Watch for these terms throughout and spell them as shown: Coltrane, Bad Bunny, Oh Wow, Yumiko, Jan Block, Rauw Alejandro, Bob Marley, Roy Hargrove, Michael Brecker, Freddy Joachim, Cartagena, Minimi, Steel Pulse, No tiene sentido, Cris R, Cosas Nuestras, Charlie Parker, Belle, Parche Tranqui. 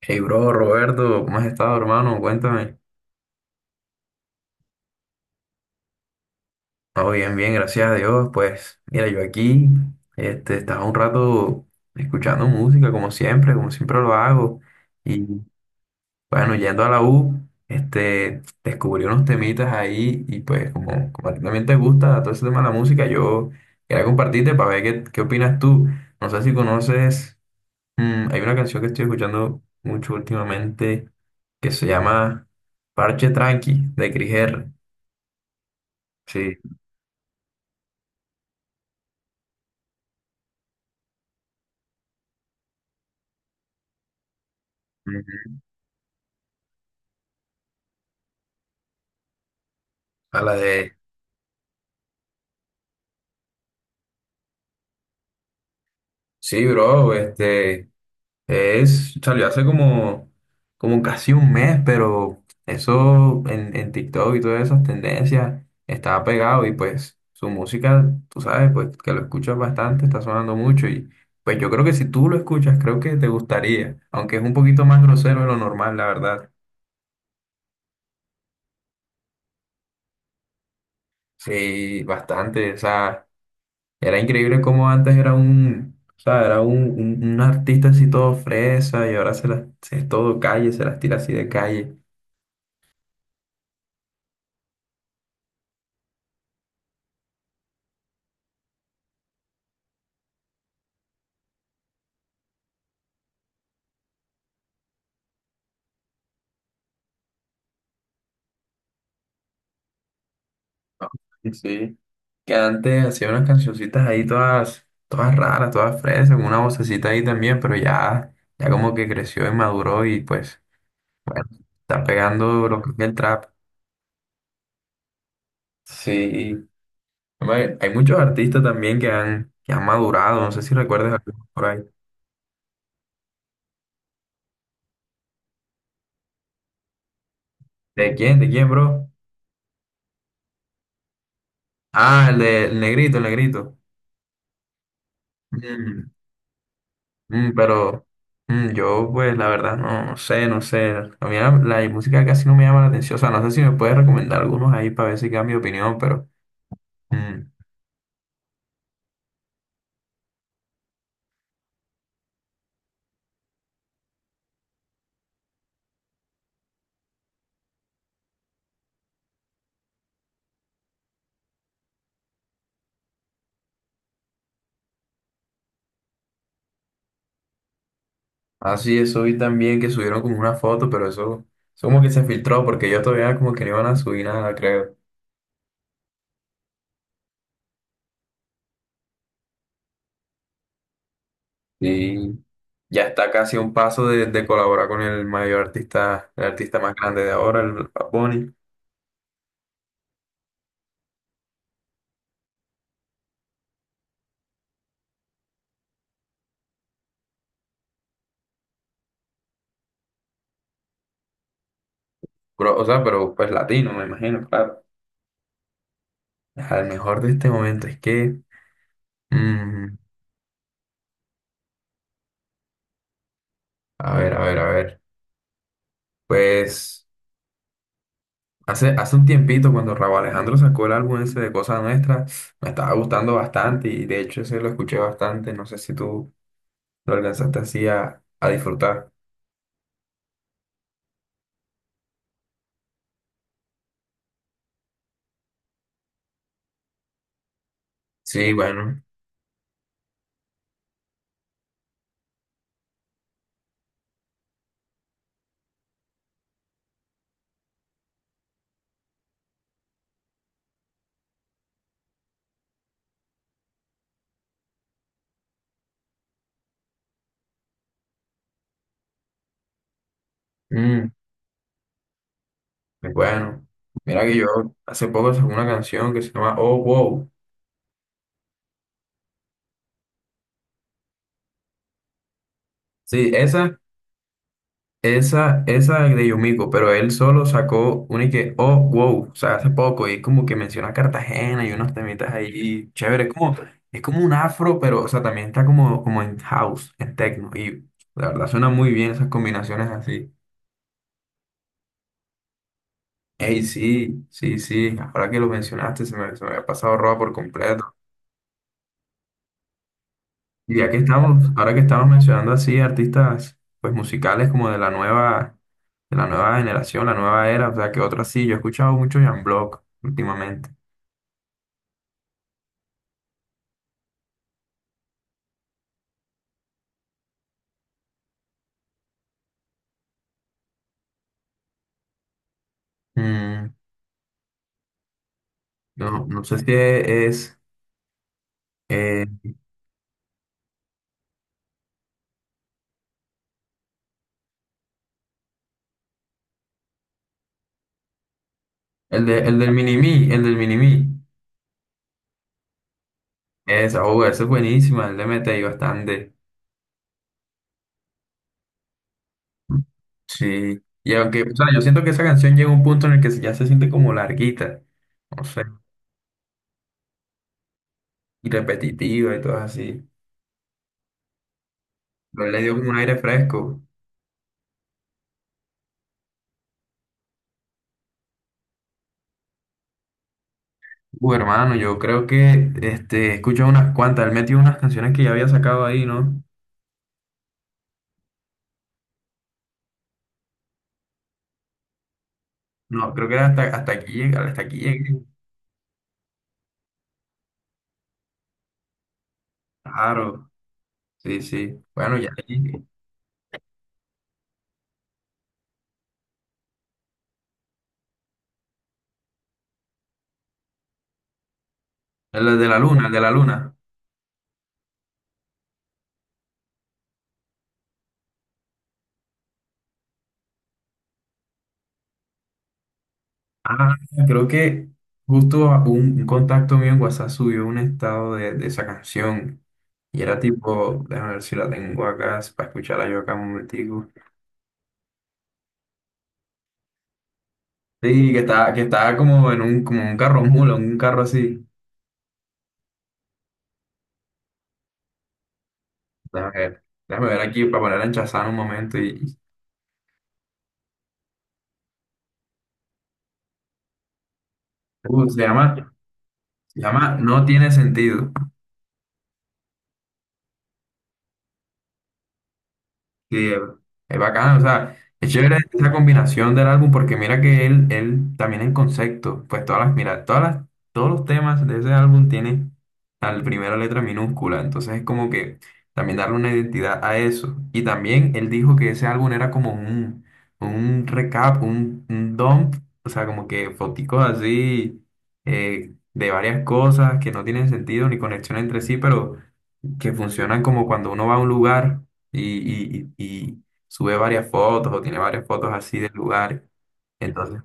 Hey, bro, Roberto, ¿cómo has estado, hermano? Cuéntame. Oh, bien, bien, gracias a Dios. Pues, mira, yo aquí, estaba un rato escuchando música, como siempre lo hago. Y bueno, yendo a la U, descubrí unos temitas ahí y pues, como a ti también te gusta todo ese tema de la música, yo quería compartirte para ver qué opinas tú. No sé si conoces, hay una canción que estoy escuchando mucho últimamente que se llama Parche Tranqui, de Cris R. Sí, ujú. A la de... Sí, bro, es, salió hace como, como casi un mes, pero eso en TikTok y todas esas tendencias estaba pegado y pues su música, tú sabes, pues que lo escuchas bastante, está sonando mucho y pues yo creo que si tú lo escuchas, creo que te gustaría, aunque es un poquito más grosero de lo normal, la verdad. Sí, bastante, o sea... Era increíble cómo antes era un, o sea, era un artista así todo fresa y ahora se las, se es todo calle, se las tira así de calle. Sí, sí. Que antes hacía unas cancioncitas ahí todas, todas raras, todas fresas, con una vocecita ahí también, pero ya, ya como que creció y maduró y pues, bueno, está pegando lo que es el trap. Sí. Hombre, hay muchos artistas también que han madurado, no sé si recuerdas alguno por ahí. ¿De quién? ¿De quién, bro? Ah, el de el negrito, el negrito. Mm. Mm, pero yo, pues, la verdad, no sé, no sé. A mí la música casi no me llama la atención. O sea, no sé si me puedes recomendar algunos ahí para ver si cambio de opinión, pero... mm. Ah, sí, eso vi también que subieron como una foto, pero eso como que se filtró porque yo todavía como que no iban a subir nada, creo. Y ya está casi a un paso de colaborar con el mayor artista, el artista más grande de ahora, el Bad Bunny. Pero, o sea, pero pues latino, me imagino, claro. Al mejor de este momento es que... mm, a ver, a ver, a ver. Pues hace un tiempito cuando Rauw Alejandro sacó el álbum ese de Cosas Nuestras, me estaba gustando bastante y de hecho ese lo escuché bastante, no sé si tú lo alcanzaste así a disfrutar. Sí, bueno, mm, pues bueno, mira que yo hace poco sacó una canción que se llama Oh Wow. Sí, esa. Esa de Yumiko, pero él solo sacó una y que, oh, wow, o sea, hace poco, y como que menciona a Cartagena y unos temitas ahí, chévere, es como un afro, pero, o sea, también está como, como en house, en techno, y la verdad suena muy bien esas combinaciones así. Ey, sí, sí, sí, ahora que lo mencionaste, se me había pasado roba por completo. Y ya que estamos, ahora que estamos mencionando así artistas, pues musicales como de la nueva generación, la nueva era, o sea, que otra sí. Yo he escuchado mucho Jan Block últimamente. Mm, no, no sé si es eh, el de, el del Minimi, el del Minimi. Esa, oh, esa es buenísima, él le mete ahí bastante. Sí, y aunque, o sea, yo siento que esa canción llega a un punto en el que ya se siente como larguita, no sé, y repetitiva y todo así. Pero él le dio como un aire fresco. Hermano, yo creo que este, he escuchado unas cuantas, él metió unas canciones que ya había sacado ahí, ¿no? No, creo que era hasta, hasta aquí llega, hasta aquí llegué. Claro, sí, sí. Bueno, ya llegué. El de la luna, el de la luna. Ah, creo que justo un contacto mío en WhatsApp subió un estado de esa canción. Y era tipo, déjame ver si la tengo acá, para escucharla yo acá un momentico. Sí, que estaba como en un, como un carro mula, un carro así. Déjame ver aquí para ponerla en Shazam un momento. Y, uh, se llama, se llama No tiene sentido. Sí, es bacán, o sea, es chévere esa combinación del álbum porque mira que él también en concepto, pues todas mira, todas las, todos los temas de ese álbum tienen la primera letra minúscula, entonces es como que también darle una identidad a eso. Y también él dijo que ese álbum era como un recap, un dump, o sea, como que foticos así de varias cosas que no tienen sentido ni conexión entre sí, pero que funcionan como cuando uno va a un lugar y, y sube varias fotos o tiene varias fotos así de lugares. Entonces,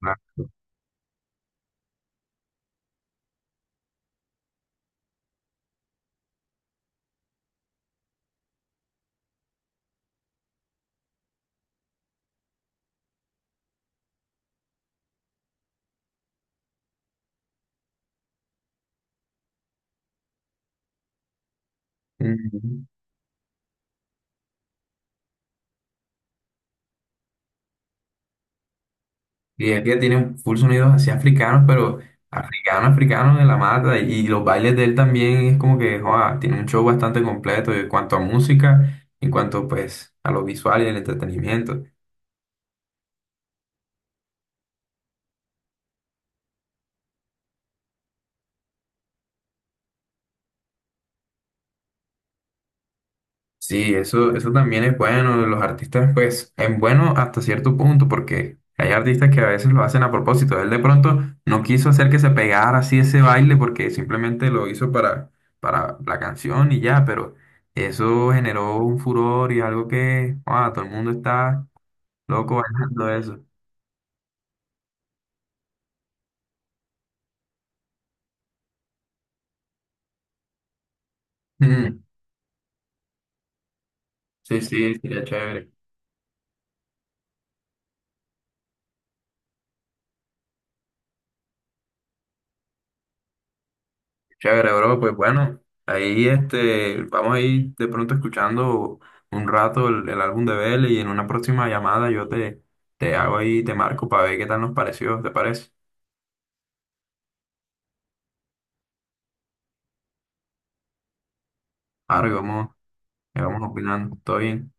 claro. Ujú. Y es que tiene full sonidos así africanos, pero africanos, africanos de la mata. Y los bailes de él también es como que, joa, tiene un show bastante completo en cuanto a música, en cuanto pues a lo visual y el entretenimiento. Sí, eso también es bueno. Los artistas, pues, es bueno hasta cierto punto, porque hay artistas que a veces lo hacen a propósito. Él de pronto no quiso hacer que se pegara así ese baile porque simplemente lo hizo para la canción y ya, pero eso generó un furor y algo que, wow, todo el mundo está loco bailando eso. Mm, sí, sí, sería chévere. Chévere, bro, pues bueno, ahí este, vamos a ir de pronto escuchando un rato el álbum de Belle y en una próxima llamada yo te hago ahí, te marco para ver qué tal nos pareció, ¿te parece? Ahora vamos, vamos opinando, todo bien.